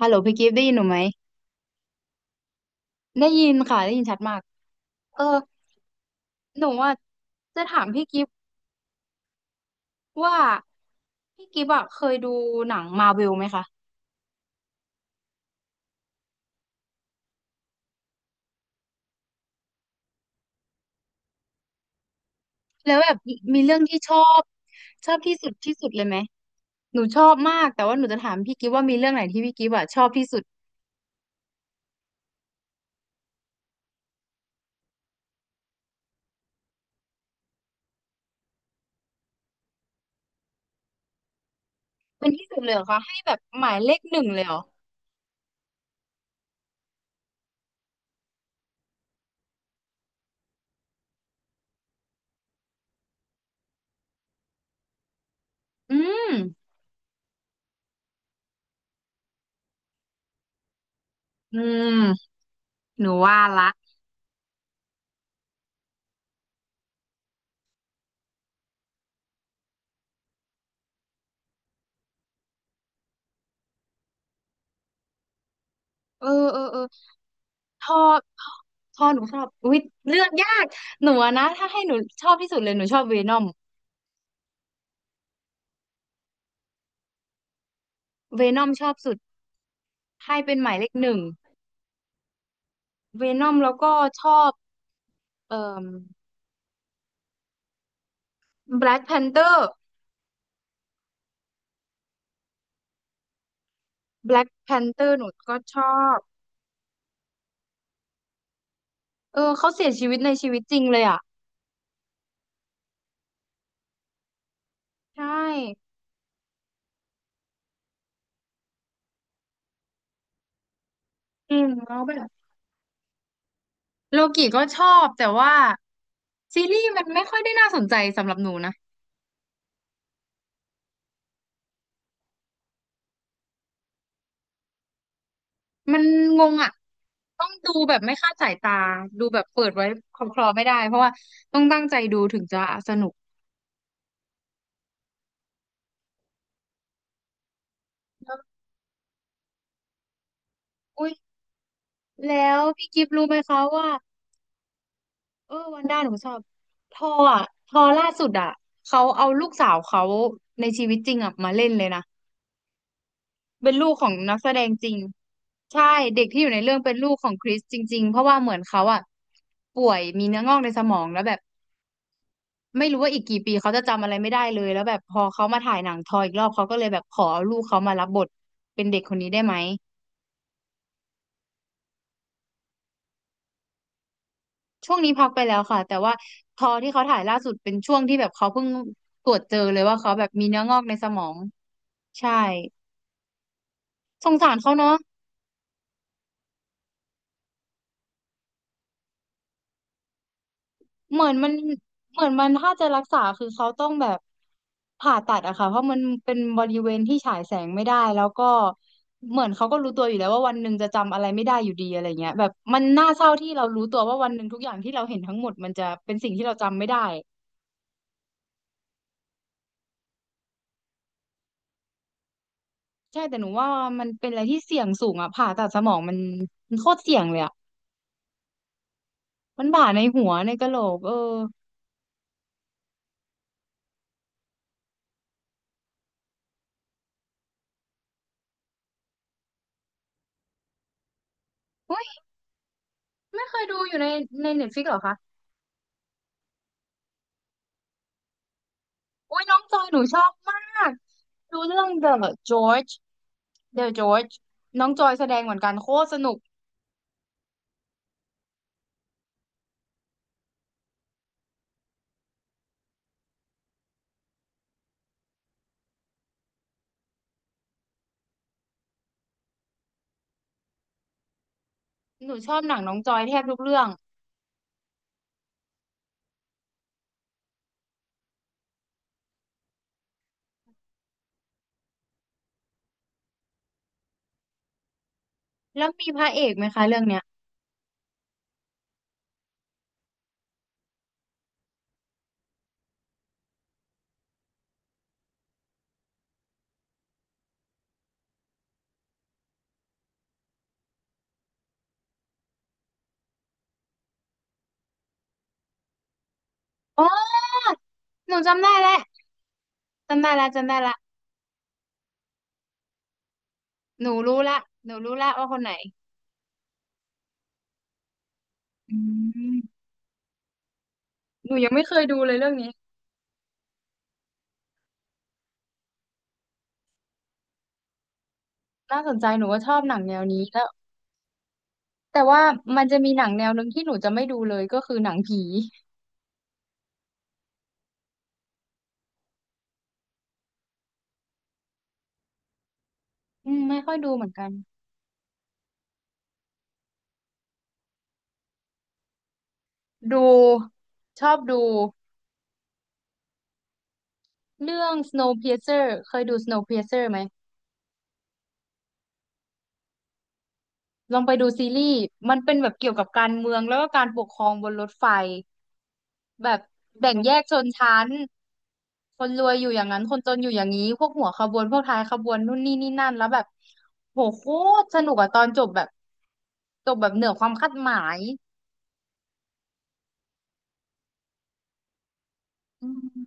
ฮัลโหลพี่กิฟต์ได้ยินหนูไหมได้ยินค่ะได้ยินชัดมากเออหนูอ่ะจะถามพี่กิฟต์ว่าพี่กิฟต์อ่ะเคยดูหนังมาเวลไหมคะแล้วแบบมีเรื่องที่ชอบชอบที่สุดที่สุดเลยไหมหนูชอบมากแต่ว่าหนูจะถามพี่กิฟต์ว่ามีเรื่องไหนที่พี่กิฟต์อ่ะชอบที่สุดเป็นที่สุดเลยเหรอคะให้แบบหมายเลขหนึ่งเลยเหรออืมอืมหนูว่าละเออเออเออ ชอชอหนูชอบอุ๊ยเลือกยาก หนูอะนะ ถ้าให้หนูชอบที่สุดเลย หนูชอบเวนอมเวนอมชอบสุด ให้เป็นหมายเลข1เวนอมแล้วก็ชอบเอ่อแบล็กแพนเตอร์แบล็กแพนเตอร์หนูก็ชอบเออเขาเสียชีวิตในชีวิตจริงเลยอ่ะ ใช่จริงแล้วแบบโลกิก็ชอบ แต่ว่าซีรีส์มันไม่ค่อยได้น่าสนใจสำหรับหนูนะ มันงงอ่ะต้องดูแบบไม่คาดสายตาดูแบบเปิดไว้คลอๆไม่ได้เพราะว่าต้องตั้งใจดูถึงจะสนุกแล้วอุยแล้วพี่กิฟต์รู้ไหมคะว่าเออวันด้าหนูชอบทออ่ะทอล่าสุดอ่ะเขาเอาลูกสาวเขาในชีวิตจริงอ่ะมาเล่นเลยนะเป็นลูกของนักแสดงจริงใช่เด็กที่อยู่ในเรื่องเป็นลูกของคริสจริงๆเพราะว่าเหมือนเขาอ่ะป่วยมีเนื้องอกในสมองแล้วแบบ ไม่รู้ว่าอีกกี่ปีเขาจะจำอะไรไม่ได้เลยแล้วแบบพอเขามาถ่ายหนังทอยอีกรอบเขาก็เลยแบบขอลูกเขามารับบทเป็นเด็กคนนี้ได้ไหมช่วงนี้พักไปแล้วค่ะแต่ว่าทอที่เขาถ่ายล่าสุดเป็นช่วงที่แบบเขาเพิ่งตรวจเจอเลยว่าเขาแบบมีเนื้องอกในสมองใช่สงสารเขาเนาะ เหมือนมันเหมือนมันถ้าจะรักษาคือเขาต้องแบบผ่าตัดอะค่ะเพราะมันเป็นบริเวณที่ฉายแสงไม่ได้แล้วก็เหมือนเขาก็รู้ตัวอยู่แล้วว่าวันหนึ่งจะจำอะไรไม่ได้อยู่ดีอะไรเงี้ยแบบมันน่าเศร้าที่เรารู้ตัวว่าวันหนึ่งทุกอย่างที่เราเห็นทั้งหมดมันจะเป็นสิ่งที่เราจำไม่ได้ใช่แต่หนูว่ามันเป็นอะไรที่เสี่ยงสูงอะผ่าตัดสมองมันมันโคตรเสี่ยงเลยอะมันบาดในหัวในกะโหลกเอออุ้ยไม่เคยดูอยู่ในในเน็ตฟลิกเหรอคะอุ้ยน้องจอยหนูชอบมากดูเรื่อง The George เดอะจอร์จน้องจอยแสดงเหมือนกันโคตรสนุกหนูชอบหนังน้องจอยแทบทุกเรื่องแล้วมีพระเอกไหมคะเรื่องเนี้ยอ๋อหนูจำได้แล้วจำได้แล้วจำได้ละหนูรู้ละหนูรู้ละว่าคนไหนอืมหนูยังไม่เคยดูเลยเรื่องนี้น่าสนใจหนูก็ชอบหนังแนวนี้แล้วแต่ว่ามันจะมีหนังแนวหนึ่งที่หนูจะไม่ดูเลยก็คือหนังผีอืมไม่ค่อยดูเหมือนกันดูชอบดูเรื่อง Snowpiercer เคยดู Snowpiercer ไหม ลองไปดูซีรีส์มันเป็นแบบเกี่ยวกับการเมืองแล้วก็การปกครองบนรถไฟแบบแบ่งแยกชนชั้น คนรวยอยู่อย่างนั้น คนจนอยู่อย่างนี้ พวกหัวขบวนพวกท้ายขบวนนู่นนี่นี่นั่นแล้วแบบโหโคตรสนุกอะตอนจบแบบจบแบบเหนือความคาดหมายอืม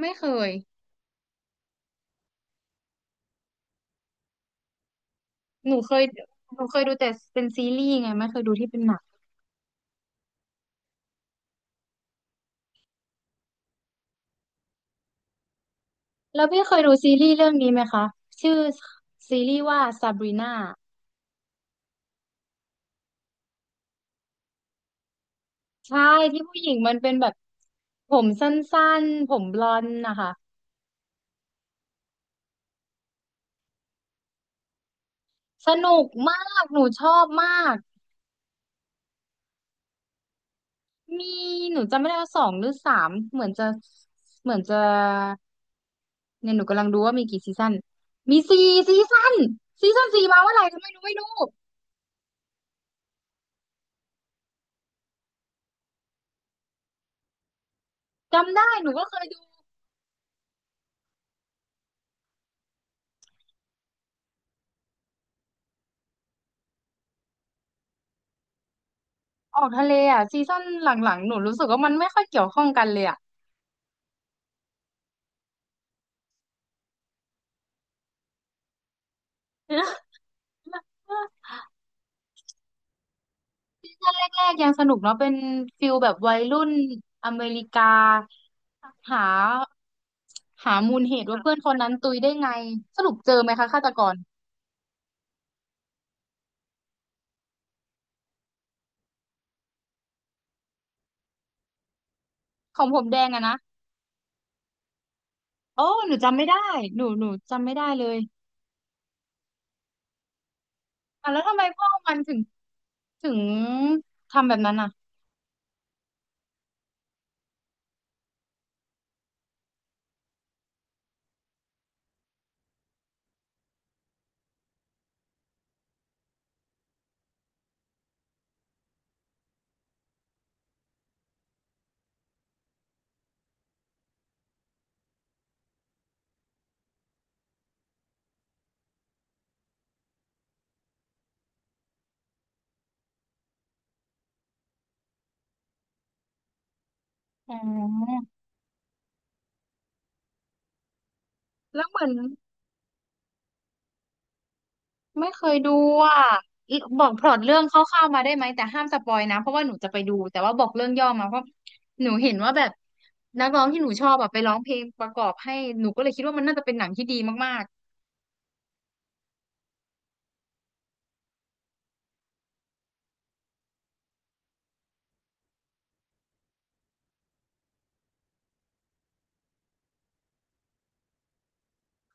ไม่เคยหนูเคยหนูเคยดูแต่เป็นซีรีส์ไงไม่เคยดูที่เป็นหนังแล้วพี่เคยดูซีรีส์เรื่องนี้ไหมคะชื่อซีรีส์ว่าซาบรีนา ใช่ที่ผู้หญิงมันเป็นแบบผมสั้นๆผมบลอนด์นะคะสนุกมากหนูชอบมากมีหนูจำไม่ได้ว่า2หรือ3เหมือนจะเหมือนจะเนี่ยหนูกำลังดูว่ามีกี่ซีซั่นมีสี่ซีซั่นซีซั่นสี่มาเมื่อไหร่ก็ไม่รู้ไม่รู้จำได้หนูก็เคยดูออกทะเลอ่ะซีซั่นหลังๆหนูรู้สึกว่ามันไม่ค่อยเกี่ยวข้องกันเลยอ่ะ แรกๆยังสนุกเนาะเป็นฟิลแบบวัยรุ่นอเมริกาหาหามูลเหตุว่าเพื่อนคนนั้นตุยได้ไงสรุปเจอไหมคะฆาตกรของผมแดงอะนะโอ้หนูจำไม่ได้หนูหนูจำไม่ได้เลยอ่ะแล้วทำไมพ่อมันถึงถึงทำแบบนั้นอ่ะอ๋อแล้วเหมือน ไม่เคยดูอ่ะบอกพล็อตเรื่องคร่าวๆมาได้ไหมแต่ห้ามสปอยนะเพราะว่าหนูจะไปดูแต่ว่าบอกเรื่องย่อมาเพราะหนูเห็นว่าแบบนักร้องที่หนูชอบอะไปร้องเพลงประกอบให้หนูก็เลยคิดว่ามันน่าจะเป็นหนังที่ดีมาก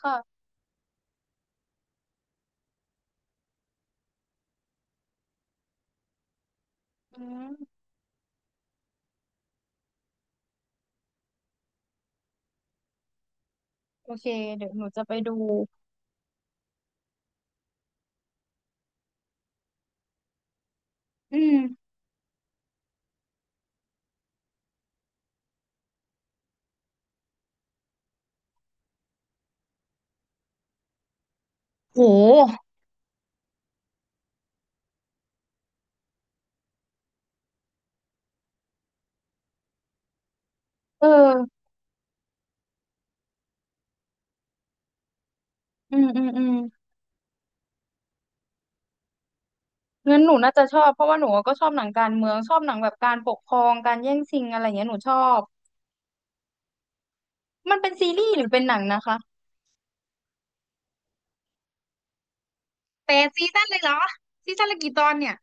ๆก็อืมโอเคเดี๋ยวหนูจะไปดูอืมโหเอออืมอืมอืมงั้นหนูน่าจะชอบเพราะว่าหนูก็ชอบหนังการเมืองชอบหนังแบบการปกครองการแย่งชิงอะไรอย่างเงี้ยหนูชอบมันเป็นซีรีส์หรือเป็นหนังนะคะแต่ซีซั่นเลยเหรอซีซั่นละกี่ตอนเนี่ย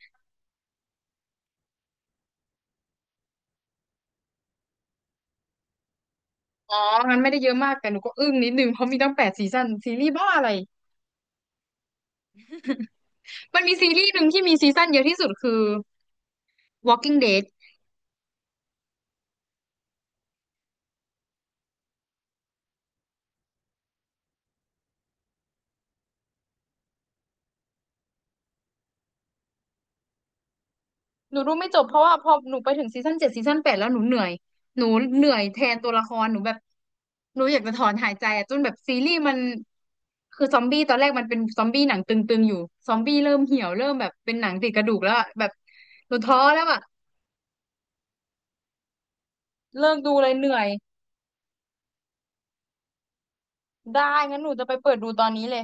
อ๋อมันไม่ได้เยอะมากแต่หนูก็อึ้งนิดนึงเพราะมีตั้งแปดซีซั่นซีรีส์บ้าอะไร มันมีซีรีส์หนึ่งที่มีซีซั่นเยอะที่สุดคือ Walking Dead หนูดูไม่จบเพราะว่าพอหนูไปถึงซีซั่น7ซีซั่นแปดแล้วหนูเหนื่อยหนูเหนื่อยแทนตัวละครหนูแบบหนูอยากจะถอนหายใจอะจนแบบซีรีส์มันคือซอมบี้ตอนแรกมันเป็นซอมบี้หนังตึงๆอยู่ซอมบี้เริ่มเหี่ยวเริ่มแบบเป็นหนังติดกระดูกแล้วอะแบบหนูท้อแล้วอะเลิกดูเลยเหนื่อยได้งั้นหนูจะไปเปิดดูตอนนี้เลย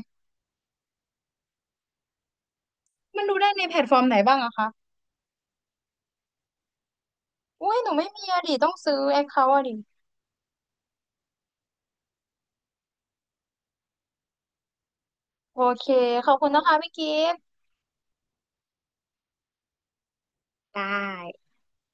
มันดูได้ในแพลตฟอร์มไหนบ้างอะคะ อุ้ย หนูไม่มีอะดิต้องซื้อแอคเคาท์อะดิโอเค ขอบคุณนะคะพี่กิฟต์ได้